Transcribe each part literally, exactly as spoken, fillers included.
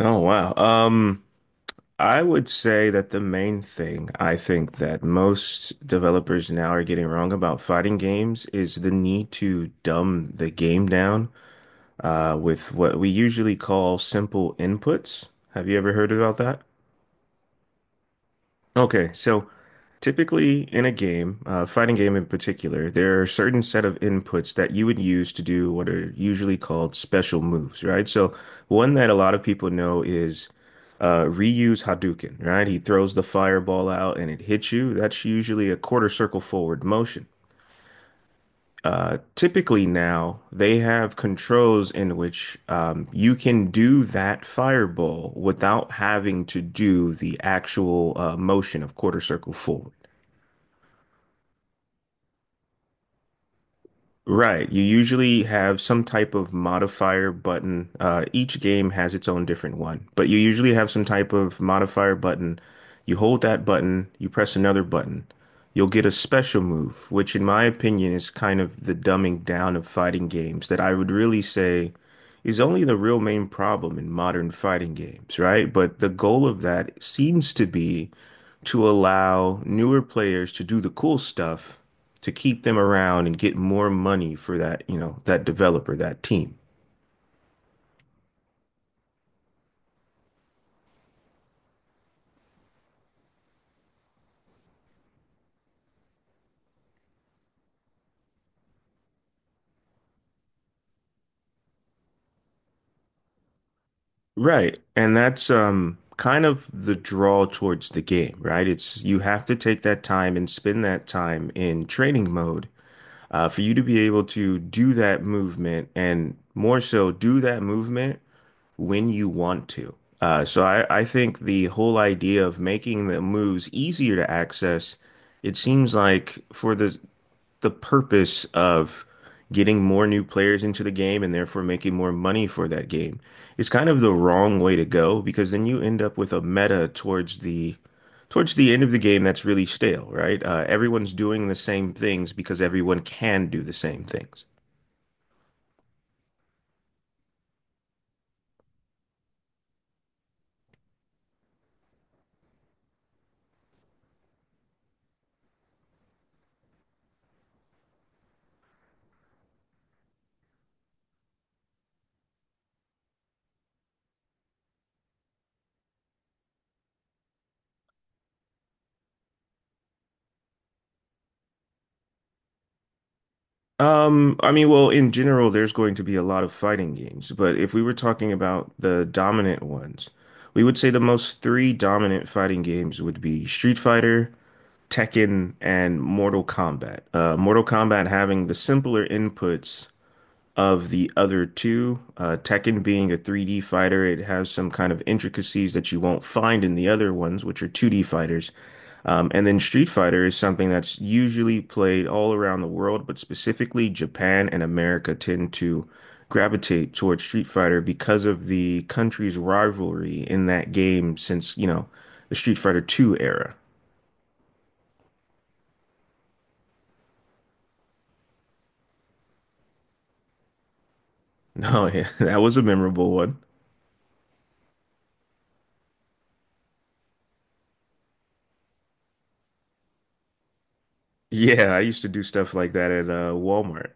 Oh wow. Um, I would say that the main thing I think that most developers now are getting wrong about fighting games is the need to dumb the game down uh, with what we usually call simple inputs. Have you ever heard about that? Okay, so typically in a game, uh, fighting game in particular, there are certain set of inputs that you would use to do what are usually called special moves, right? So one that a lot of people know is uh, Ryu's Hadouken, right? He throws the fireball out and it hits you. That's usually a quarter circle forward motion. Uh, typically now they have controls in which um, you can do that fireball without having to do the actual uh, motion of quarter circle forward. Right. You usually have some type of modifier button. Uh, each game has its own different one, but you usually have some type of modifier button. You hold that button, you press another button. You'll get a special move, which in my opinion is kind of the dumbing down of fighting games that I would really say is only the real main problem in modern fighting games, right? But the goal of that seems to be to allow newer players to do the cool stuff to keep them around and get more money for that, you know, that developer, that team. Right. And that's um kind of the draw towards the game, right? It's you have to take that time and spend that time in training mode uh, for you to be able to do that movement and more so do that movement when you want to. Uh, so I, I think the whole idea of making the moves easier to access, it seems like for the the purpose of getting more new players into the game and therefore making more money for that game. It's kind of the wrong way to go because then you end up with a meta towards the towards the end of the game that's really stale, right? Uh, everyone's doing the same things because everyone can do the same things. Um, I mean, well, in general, there's going to be a lot of fighting games, but if we were talking about the dominant ones, we would say the most three dominant fighting games would be Street Fighter, Tekken and Mortal Kombat. Uh, Mortal Kombat having the simpler inputs of the other two. Uh, Tekken being a three D fighter, it has some kind of intricacies that you won't find in the other ones, which are two D fighters. Um, and then Street Fighter is something that's usually played all around the world, but specifically Japan and America tend to gravitate towards Street Fighter because of the country's rivalry in that game since, you know, the Street Fighter Two era. No, yeah, that was a memorable one. Yeah, I used to do stuff like that at uh, Walmart.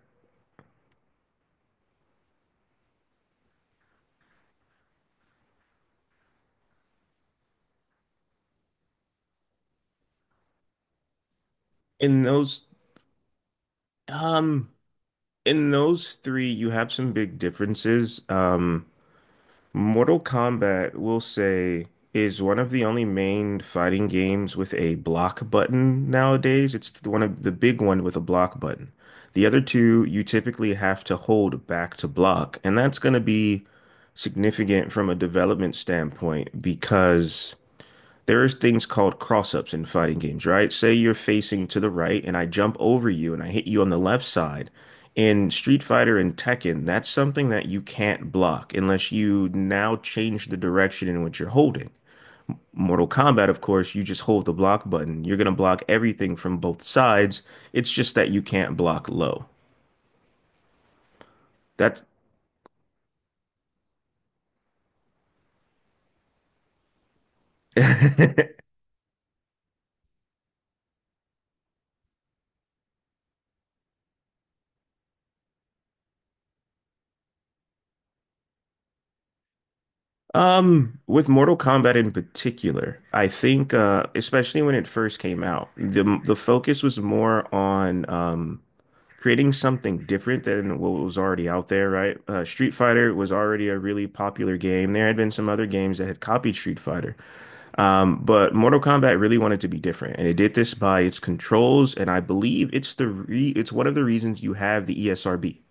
In those, um, in those three, you have some big differences. Um, Mortal Kombat, we'll say, is one of the only main fighting games with a block button nowadays. It's the one of the big one with a block button. The other two, you typically have to hold back to block, and that's going to be significant from a development standpoint because. There's things called cross-ups in fighting games, right? Say you're facing to the right and I jump over you and I hit you on the left side. In Street Fighter and Tekken, that's something that you can't block unless you now change the direction in which you're holding. Mortal Kombat, of course, you just hold the block button. You're going to block everything from both sides. It's just that you can't block low. That's um with Mortal Kombat in particular, I think uh especially when it first came out, the the focus was more on um creating something different than what was already out there, right? Uh, Street Fighter was already a really popular game. There had been some other games that had copied Street Fighter, um, but Mortal Kombat really wanted to be different, and it did this by its controls, and I believe it's the re it's one of the reasons you have the E S R B.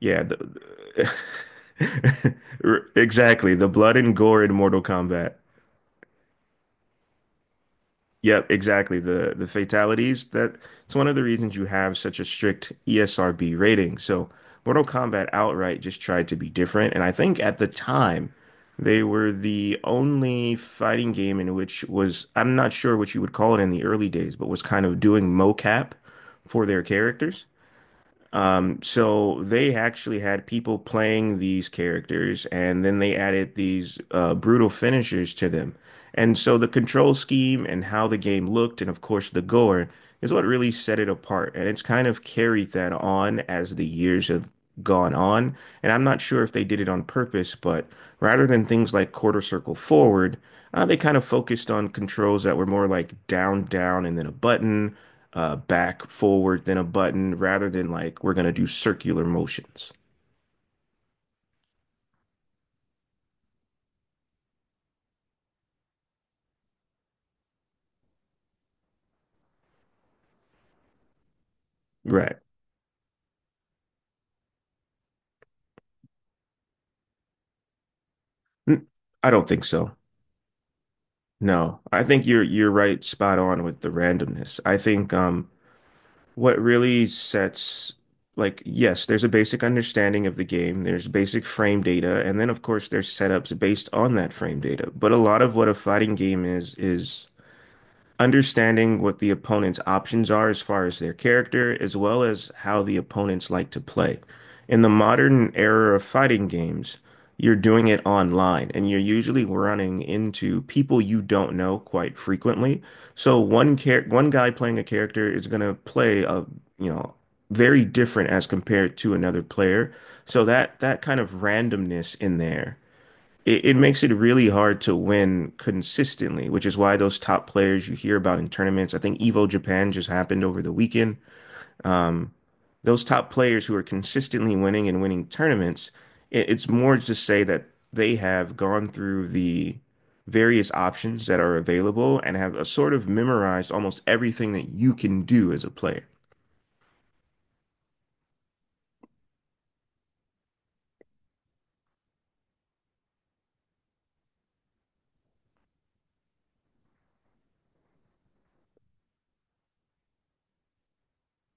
Yeah, the, exactly. The blood and gore in Mortal Kombat. Yep, exactly. The the fatalities that it's one of the reasons you have such a strict E S R B rating. So Mortal Kombat outright just tried to be different, and I think at the time they were the only fighting game in which was I'm not sure what you would call it in the early days, but was kind of doing mocap for their characters. Um, so they actually had people playing these characters, and then they added these uh, brutal finishers to them. And so the control scheme and how the game looked, and of course the gore, is what really set it apart. And it's kind of carried that on as the years have gone on. And I'm not sure if they did it on purpose, but rather than things like quarter circle forward, uh, they kind of focused on controls that were more like down, down, and then a button uh, back, forward, then a button, rather than like we're gonna do circular motions. Right. N- I don't think so. No, I think you're you're right, spot on with the randomness. I think um, what really sets like yes, there's a basic understanding of the game, there's basic frame data, and then of course there's setups based on that frame data. But a lot of what a fighting game is is understanding what the opponent's options are as far as their character, as well as how the opponents like to play. In the modern era of fighting games, you're doing it online and you're usually running into people you don't know quite frequently. So one char- one guy playing a character is going to play a, you know, very different as compared to another player. So that that kind of randomness in there it, it makes it really hard to win consistently, which is why those top players you hear about in tournaments, I think Evo Japan just happened over the weekend. Um, those top players who are consistently winning and winning tournaments, it, it's more to say that they have gone through the various options that are available and have a sort of memorized almost everything that you can do as a player.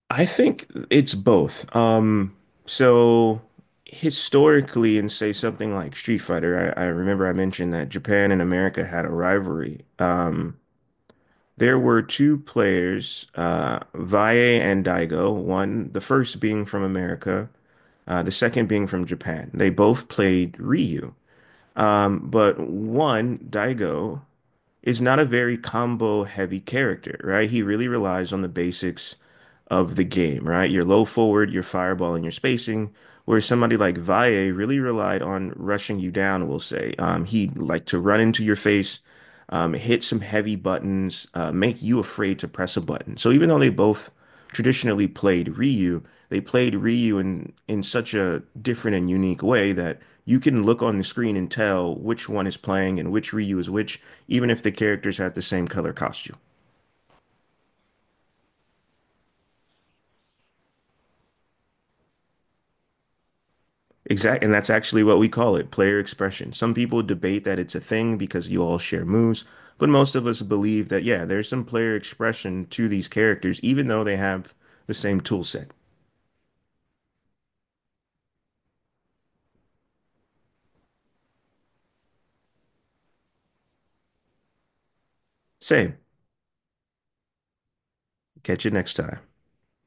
I think it's both. Um, so historically, in say something like Street Fighter, I, I remember I mentioned that Japan and America had a rivalry. Um, there were two players, uh, Valle and Daigo. One, the first being from America, uh, the second being from Japan. They both played Ryu, but one, Daigo, is not a very combo heavy character, right? He really relies on the basics of the game, right? Your low forward, your fireball, and your spacing. Where somebody like Valle really relied on rushing you down, we'll say. Um, he liked to run into your face, um, hit some heavy buttons, uh, make you afraid to press a button. So even though they both traditionally played Ryu, they played Ryu in, in such a different and unique way that you can look on the screen and tell which one is playing and which Ryu is which, even if the characters had the same color costume. Exactly, and that's actually what we call it, player expression. Some people debate that it's a thing because you all share moves, but most of us believe that, yeah, there's some player expression to these characters, even though they have the same tool set. Same. Catch you next time.